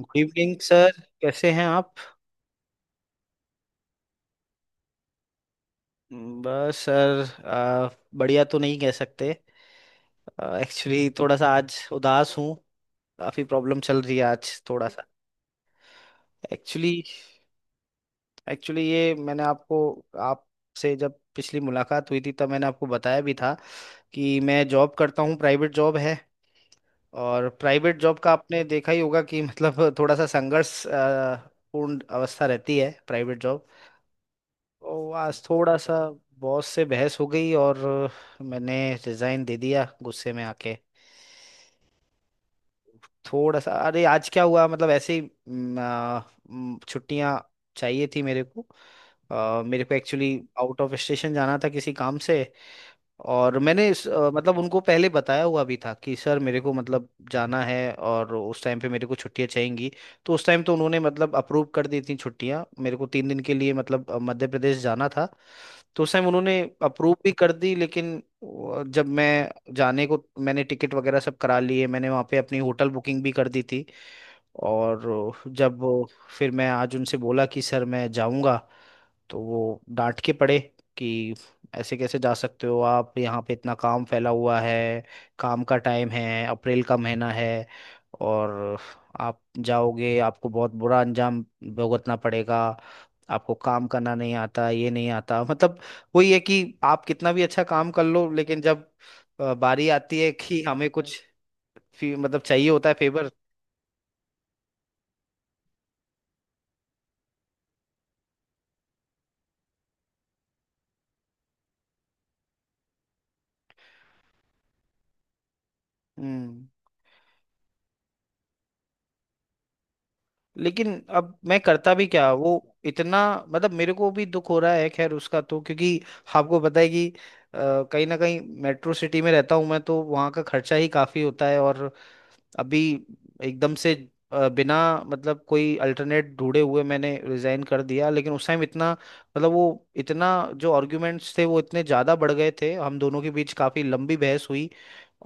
Good evening sir, कैसे हैं आप। बस सर बढ़िया तो नहीं कह सकते। एक्चुअली थोड़ा सा आज उदास हूँ। काफ़ी प्रॉब्लम चल रही है आज थोड़ा सा। एक्चुअली एक्चुअली ये मैंने आपको, आपसे जब पिछली मुलाकात हुई थी तब मैंने आपको बताया भी था कि मैं जॉब करता हूँ, प्राइवेट जॉब है। और प्राइवेट जॉब का आपने देखा ही होगा कि मतलब थोड़ा सा संघर्ष पूर्ण अवस्था रहती है प्राइवेट जॉब। तो आज थोड़ा सा बॉस से बहस हो गई और मैंने रिजाइन दे दिया गुस्से में आके। थोड़ा सा अरे आज क्या हुआ, मतलब ऐसे ही छुट्टियां चाहिए थी मेरे को। मेरे को एक्चुअली आउट ऑफ स्टेशन जाना था किसी काम से। और मैंने इस मतलब उनको पहले बताया हुआ भी था कि सर मेरे को मतलब जाना है और उस टाइम पे मेरे को छुट्टियां चाहिएंगी। तो उस टाइम तो उन्होंने मतलब अप्रूव कर दी थी छुट्टियां मेरे को, तीन दिन के लिए मतलब मध्य प्रदेश जाना था। तो उस टाइम उन्होंने अप्रूव भी कर दी, लेकिन जब मैं जाने को, मैंने टिकट वगैरह सब करा लिए, मैंने वहाँ पे अपनी होटल बुकिंग भी कर दी थी। और जब फिर मैं आज उनसे बोला कि सर मैं जाऊँगा, तो वो डांट के पड़े कि ऐसे कैसे जा सकते हो आप, यहाँ पे इतना काम फैला हुआ है, काम का टाइम है, अप्रैल का महीना है और आप जाओगे, आपको बहुत बुरा अंजाम भुगतना पड़ेगा, आपको काम करना नहीं आता, ये नहीं आता। मतलब वही है कि आप कितना भी अच्छा काम कर लो लेकिन जब बारी आती है कि हमें कुछ मतलब चाहिए होता है फेवर। हम्म। लेकिन अब मैं करता भी क्या, वो इतना, मतलब मेरे को भी दुख हो रहा है खैर उसका तो, क्योंकि आपको पता है कि अ, कहीं ना कहीं मेट्रो सिटी में रहता हूँ मैं, तो वहाँ का खर्चा ही काफी होता है और अभी एकदम से बिना मतलब कोई अल्टरनेट ढूंढे हुए मैंने रिजाइन कर दिया। लेकिन उस टाइम इतना, मतलब वो इतना, जो आर्ग्यूमेंट्स थे वो इतने ज़्यादा बढ़ गए थे, हम दोनों के बीच काफ़ी लंबी बहस हुई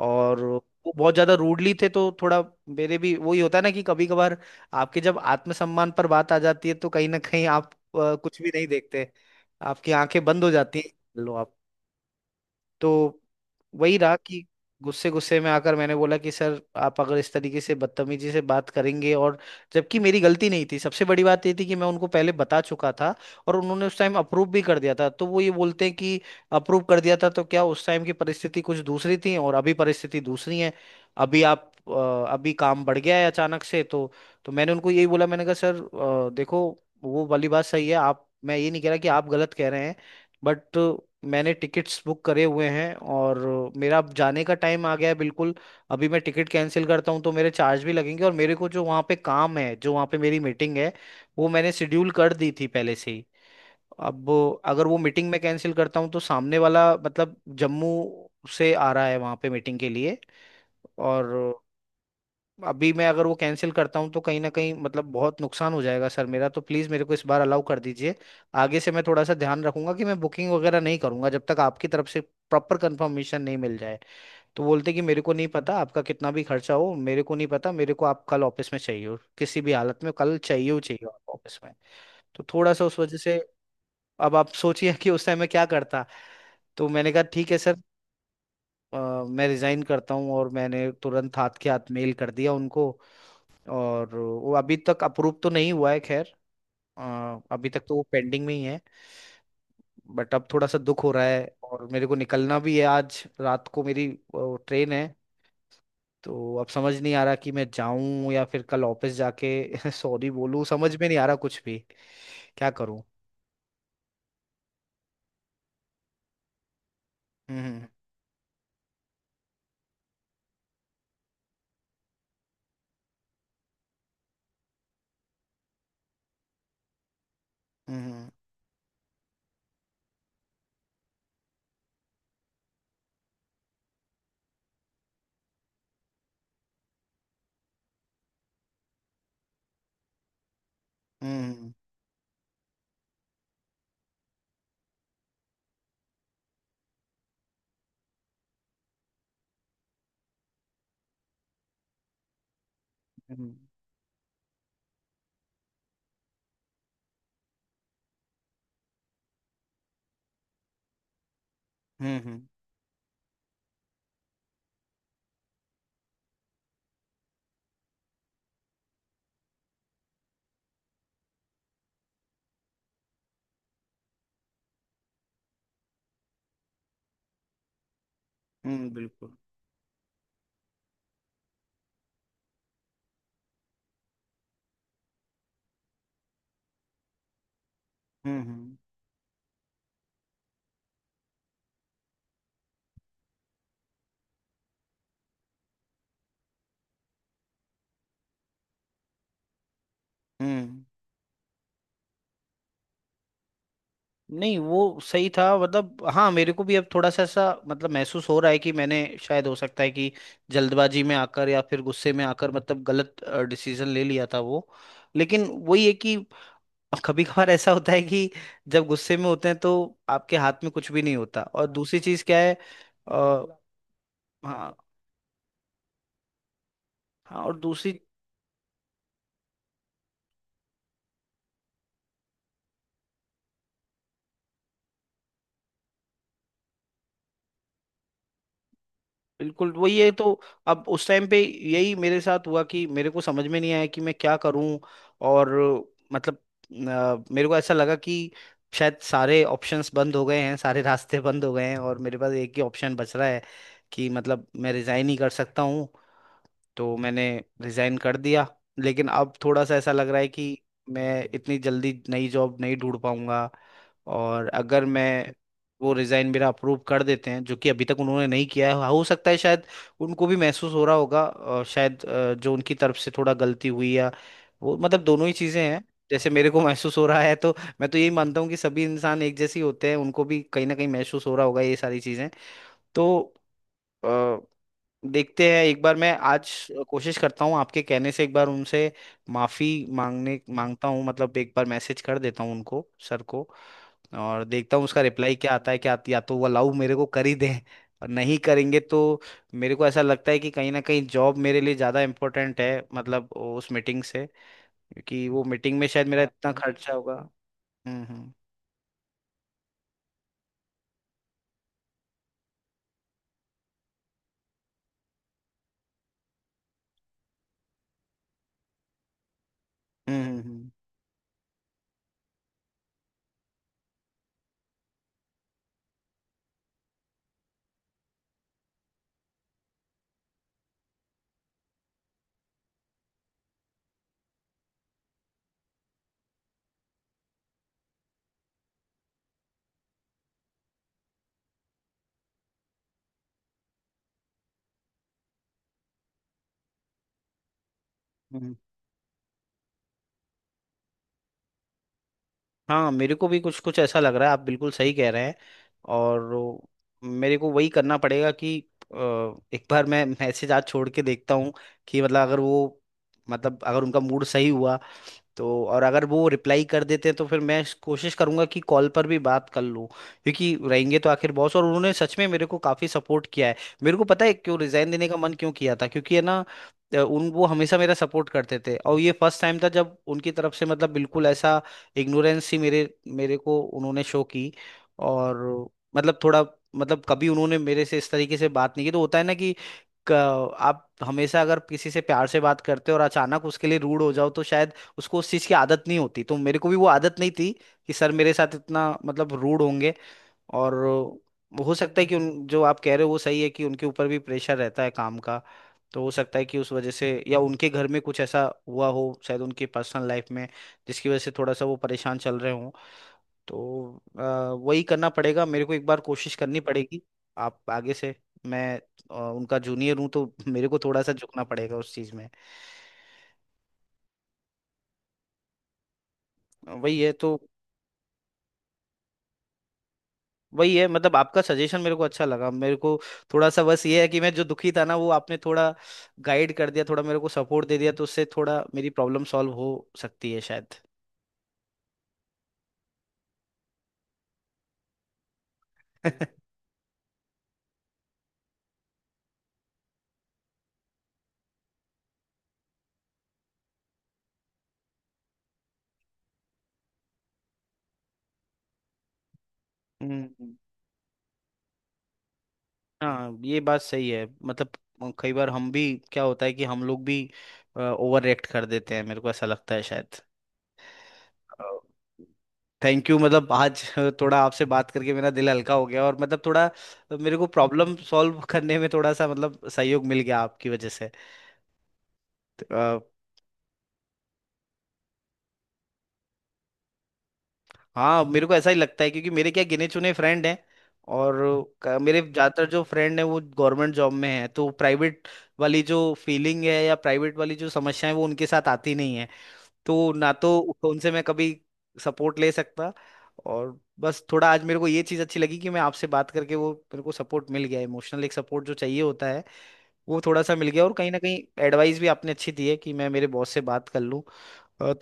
और वो बहुत ज़्यादा रूडली थे, तो थोड़ा मेरे भी वही होता है ना कि कभी कभार आपके जब आत्मसम्मान पर बात आ जाती है तो कहीं ना कहीं आप कुछ भी नहीं देखते, आपकी आंखें बंद हो जाती हैं लो। तो वही रहा कि गुस्से गुस्से में आकर मैंने बोला कि सर, आप अगर इस तरीके से बदतमीजी से बात करेंगे, और जबकि मेरी गलती नहीं थी, सबसे बड़ी बात ये थी कि मैं उनको पहले बता चुका था और उन्होंने उस टाइम अप्रूव भी कर दिया था, तो वो ये बोलते हैं कि अप्रूव कर दिया था तो क्या, उस टाइम की परिस्थिति कुछ दूसरी थी और अभी परिस्थिति दूसरी है, अभी आप अभी काम बढ़ गया है अचानक से। तो मैंने उनको यही बोला, मैंने कहा सर देखो, वो वाली बात सही है आप, मैं ये नहीं कह रहा कि आप गलत कह रहे हैं, बट मैंने टिकट्स बुक करे हुए हैं और मेरा अब जाने का टाइम आ गया है बिल्कुल। अभी मैं टिकट कैंसिल करता हूँ तो मेरे चार्ज भी लगेंगे, और मेरे को जो वहाँ पे काम है, जो वहाँ पे मेरी मीटिंग है, वो मैंने शेड्यूल कर दी थी पहले से ही। अब अगर वो मीटिंग मैं कैंसिल करता हूँ तो सामने वाला मतलब जम्मू से आ रहा है वहाँ पे मीटिंग के लिए, और अभी मैं अगर वो कैंसिल करता हूँ तो कहीं ना कहीं मतलब बहुत नुकसान हो जाएगा सर मेरा। तो प्लीज़ मेरे को इस बार अलाउ कर दीजिए, आगे से मैं थोड़ा सा ध्यान रखूंगा कि मैं बुकिंग वगैरह नहीं करूंगा जब तक आपकी तरफ से प्रॉपर कंफर्मेशन नहीं मिल जाए। तो बोलते कि मेरे को नहीं पता आपका कितना भी खर्चा हो, मेरे को नहीं पता, मेरे को आप कल ऑफिस में चाहिए हो, किसी भी हालत में कल चाहिए हो आप ऑफिस में। तो थोड़ा सा उस वजह से, अब आप सोचिए कि उस टाइम मैं क्या करता। तो मैंने कहा ठीक है सर, अ, मैं रिजाइन करता हूँ, और मैंने तुरंत हाथ के हाथ मेल कर दिया उनको। और वो अभी तक अप्रूव तो नहीं हुआ है खैर, अभी तक तो वो पेंडिंग में ही है। बट अब थोड़ा सा दुख हो रहा है, और मेरे को निकलना भी है, आज रात को मेरी ट्रेन है। तो अब समझ नहीं आ रहा कि मैं जाऊं या फिर कल ऑफिस जाके सॉरी बोलूं, समझ में नहीं आ रहा कुछ भी, क्या करूं। हम्म हम्म हम्म हम्म हम्म हम्म हम्म, हम्म, बिल्कुल। हम्म हम्म हम्म नहीं वो सही था, मतलब हाँ मेरे को भी अब थोड़ा सा ऐसा मतलब महसूस हो रहा है कि मैंने शायद, हो सकता है कि जल्दबाजी में आकर या फिर गुस्से में आकर मतलब गलत डिसीजन ले लिया था वो। लेकिन वही है कि कभी कभार ऐसा होता है कि जब गुस्से में होते हैं तो आपके हाथ में कुछ भी नहीं होता, और दूसरी चीज क्या है, आ, हाँ। हाँ और दूसरी, बिल्कुल वही है। तो अब उस टाइम पे यही मेरे साथ हुआ कि मेरे को समझ में नहीं आया कि मैं क्या करूं और मतलब मेरे को ऐसा लगा कि शायद सारे ऑप्शंस बंद हो गए हैं, सारे रास्ते बंद हो गए हैं और मेरे पास एक ही ऑप्शन बच रहा है कि मतलब मैं रिजाइन ही कर सकता हूँ। तो मैंने रिजाइन कर दिया। लेकिन अब थोड़ा सा ऐसा लग रहा है कि मैं इतनी जल्दी नई जॉब नहीं ढूंढ पाऊंगा, और अगर मैं वो रिजाइन मेरा अप्रूव कर देते हैं, जो कि अभी तक उन्होंने नहीं किया है, हो सकता है शायद उनको भी महसूस हो रहा होगा, और शायद जो उनकी तरफ से थोड़ा गलती हुई या वो, मतलब दोनों ही चीजें हैं जैसे मेरे को महसूस हो रहा है। तो मैं तो यही मानता हूँ कि सभी इंसान एक जैसे ही होते हैं, उनको भी कहीं ना कहीं महसूस हो रहा होगा ये सारी चीजें। तो देखते हैं, एक बार मैं आज कोशिश करता हूँ आपके कहने से, एक बार उनसे माफी मांगने मांगता हूँ, मतलब एक बार मैसेज कर देता हूँ उनको सर को, और देखता हूँ उसका रिप्लाई क्या आता है, या तो वो अलाउ मेरे को कर ही दें, और नहीं करेंगे तो मेरे को ऐसा लगता है कि कहीं ना कहीं जॉब मेरे लिए ज़्यादा इम्पोर्टेंट है मतलब उस मीटिंग से, क्योंकि वो मीटिंग में शायद मेरा इतना खर्चा होगा। हम्म हम्म हम्म हम्म हम्म, हम्म। हाँ मेरे को भी कुछ कुछ ऐसा लग रहा है, आप बिल्कुल सही कह रहे हैं। और मेरे को वही करना पड़ेगा कि अ, एक बार मैं मैसेज आज छोड़ के देखता हूँ कि मतलब अगर वो, मतलब अगर उनका मूड सही हुआ, तो और अगर वो रिप्लाई कर देते हैं तो फिर कोशिश करूंगा कि कॉल पर भी बात कर लूं, क्योंकि रहेंगे तो आखिर बॉस, और उन्होंने सच में मेरे को काफी सपोर्ट किया है। मेरे को पता है क्यों रिजाइन देने का मन क्यों किया था, क्योंकि है ना उन वो हमेशा मेरा सपोर्ट करते थे, और ये फर्स्ट टाइम था जब उनकी तरफ से मतलब बिल्कुल ऐसा इग्नोरेंस ही मेरे मेरे को उन्होंने शो की। और मतलब थोड़ा, मतलब कभी उन्होंने मेरे से इस तरीके से बात नहीं की, तो होता है ना कि क- आप हमेशा अगर किसी से प्यार से बात करते हो और अचानक उसके लिए रूड हो जाओ तो शायद उसको उस चीज़ की आदत नहीं होती, तो मेरे को भी वो आदत नहीं थी कि सर मेरे साथ इतना मतलब रूड होंगे। और हो सकता है कि उन जो आप कह रहे हो वो सही है कि उनके ऊपर भी प्रेशर रहता है काम का, तो हो सकता है कि उस वजह से या उनके घर में कुछ ऐसा हुआ हो शायद, उनकी पर्सनल लाइफ में, जिसकी वजह से थोड़ा सा वो परेशान चल रहे। तो वही करना पड़ेगा मेरे को, एक बार कोशिश करनी पड़ेगी। आप आगे से, मैं उनका जूनियर हूँ तो मेरे को थोड़ा सा झुकना पड़ेगा उस चीज़ में। वही है तो, वही है मतलब आपका सजेशन मेरे को अच्छा लगा। मेरे को थोड़ा सा बस ये है कि मैं जो दुखी था ना वो आपने थोड़ा गाइड कर दिया, थोड़ा मेरे को सपोर्ट दे दिया, तो उससे थोड़ा मेरी प्रॉब्लम सॉल्व हो सकती है शायद। हम्म। हाँ ये बात सही है, मतलब कई बार हम भी, क्या होता है कि हम लोग भी ओवर रिएक्ट कर देते हैं, मेरे को ऐसा लगता है शायद। थैंक यू, मतलब आज थोड़ा आपसे बात करके मेरा दिल हल्का हो गया, और मतलब थोड़ा मेरे को प्रॉब्लम सॉल्व करने में थोड़ा सा मतलब सहयोग मिल गया आपकी वजह से। तो, हाँ मेरे को ऐसा ही लगता है, क्योंकि मेरे क्या गिने चुने फ्रेंड हैं, और मेरे ज़्यादातर जो फ्रेंड हैं वो गवर्नमेंट जॉब में हैं, तो प्राइवेट वाली जो फीलिंग है या प्राइवेट वाली जो समस्या है वो उनके साथ आती नहीं है। तो ना तो उनसे मैं कभी सपोर्ट ले सकता। और बस थोड़ा आज मेरे को ये चीज़ अच्छी लगी कि मैं आपसे बात करके वो मेरे को सपोर्ट मिल गया, इमोशनल एक सपोर्ट जो चाहिए होता है वो थोड़ा सा मिल गया, और कहीं ना कहीं एडवाइस भी आपने अच्छी दी है कि मैं मेरे बॉस से बात कर लूँ।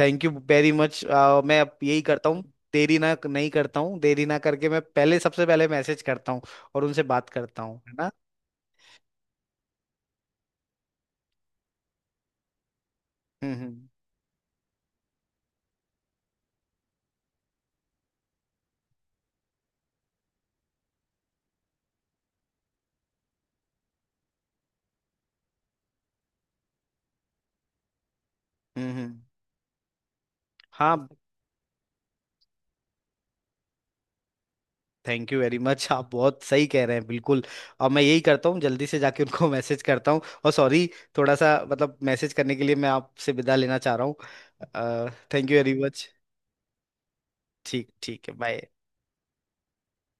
Thank you very much. मैं अब यही करता हूँ, देरी ना नहीं करता हूँ, देरी ना करके मैं पहले, सबसे पहले मैसेज करता हूँ और उनसे बात करता हूँ, है ना। हम्म हम्म हम्म हम्म। हाँ थैंक यू वेरी मच, आप बहुत सही कह रहे हैं बिल्कुल। और मैं यही करता हूँ, जल्दी से जाके उनको मैसेज करता हूँ। और सॉरी, थोड़ा सा मतलब मैसेज करने के लिए मैं आपसे विदा लेना चाह रहा हूँ, थैंक यू वेरी मच। ठीक ठीक है, बाय।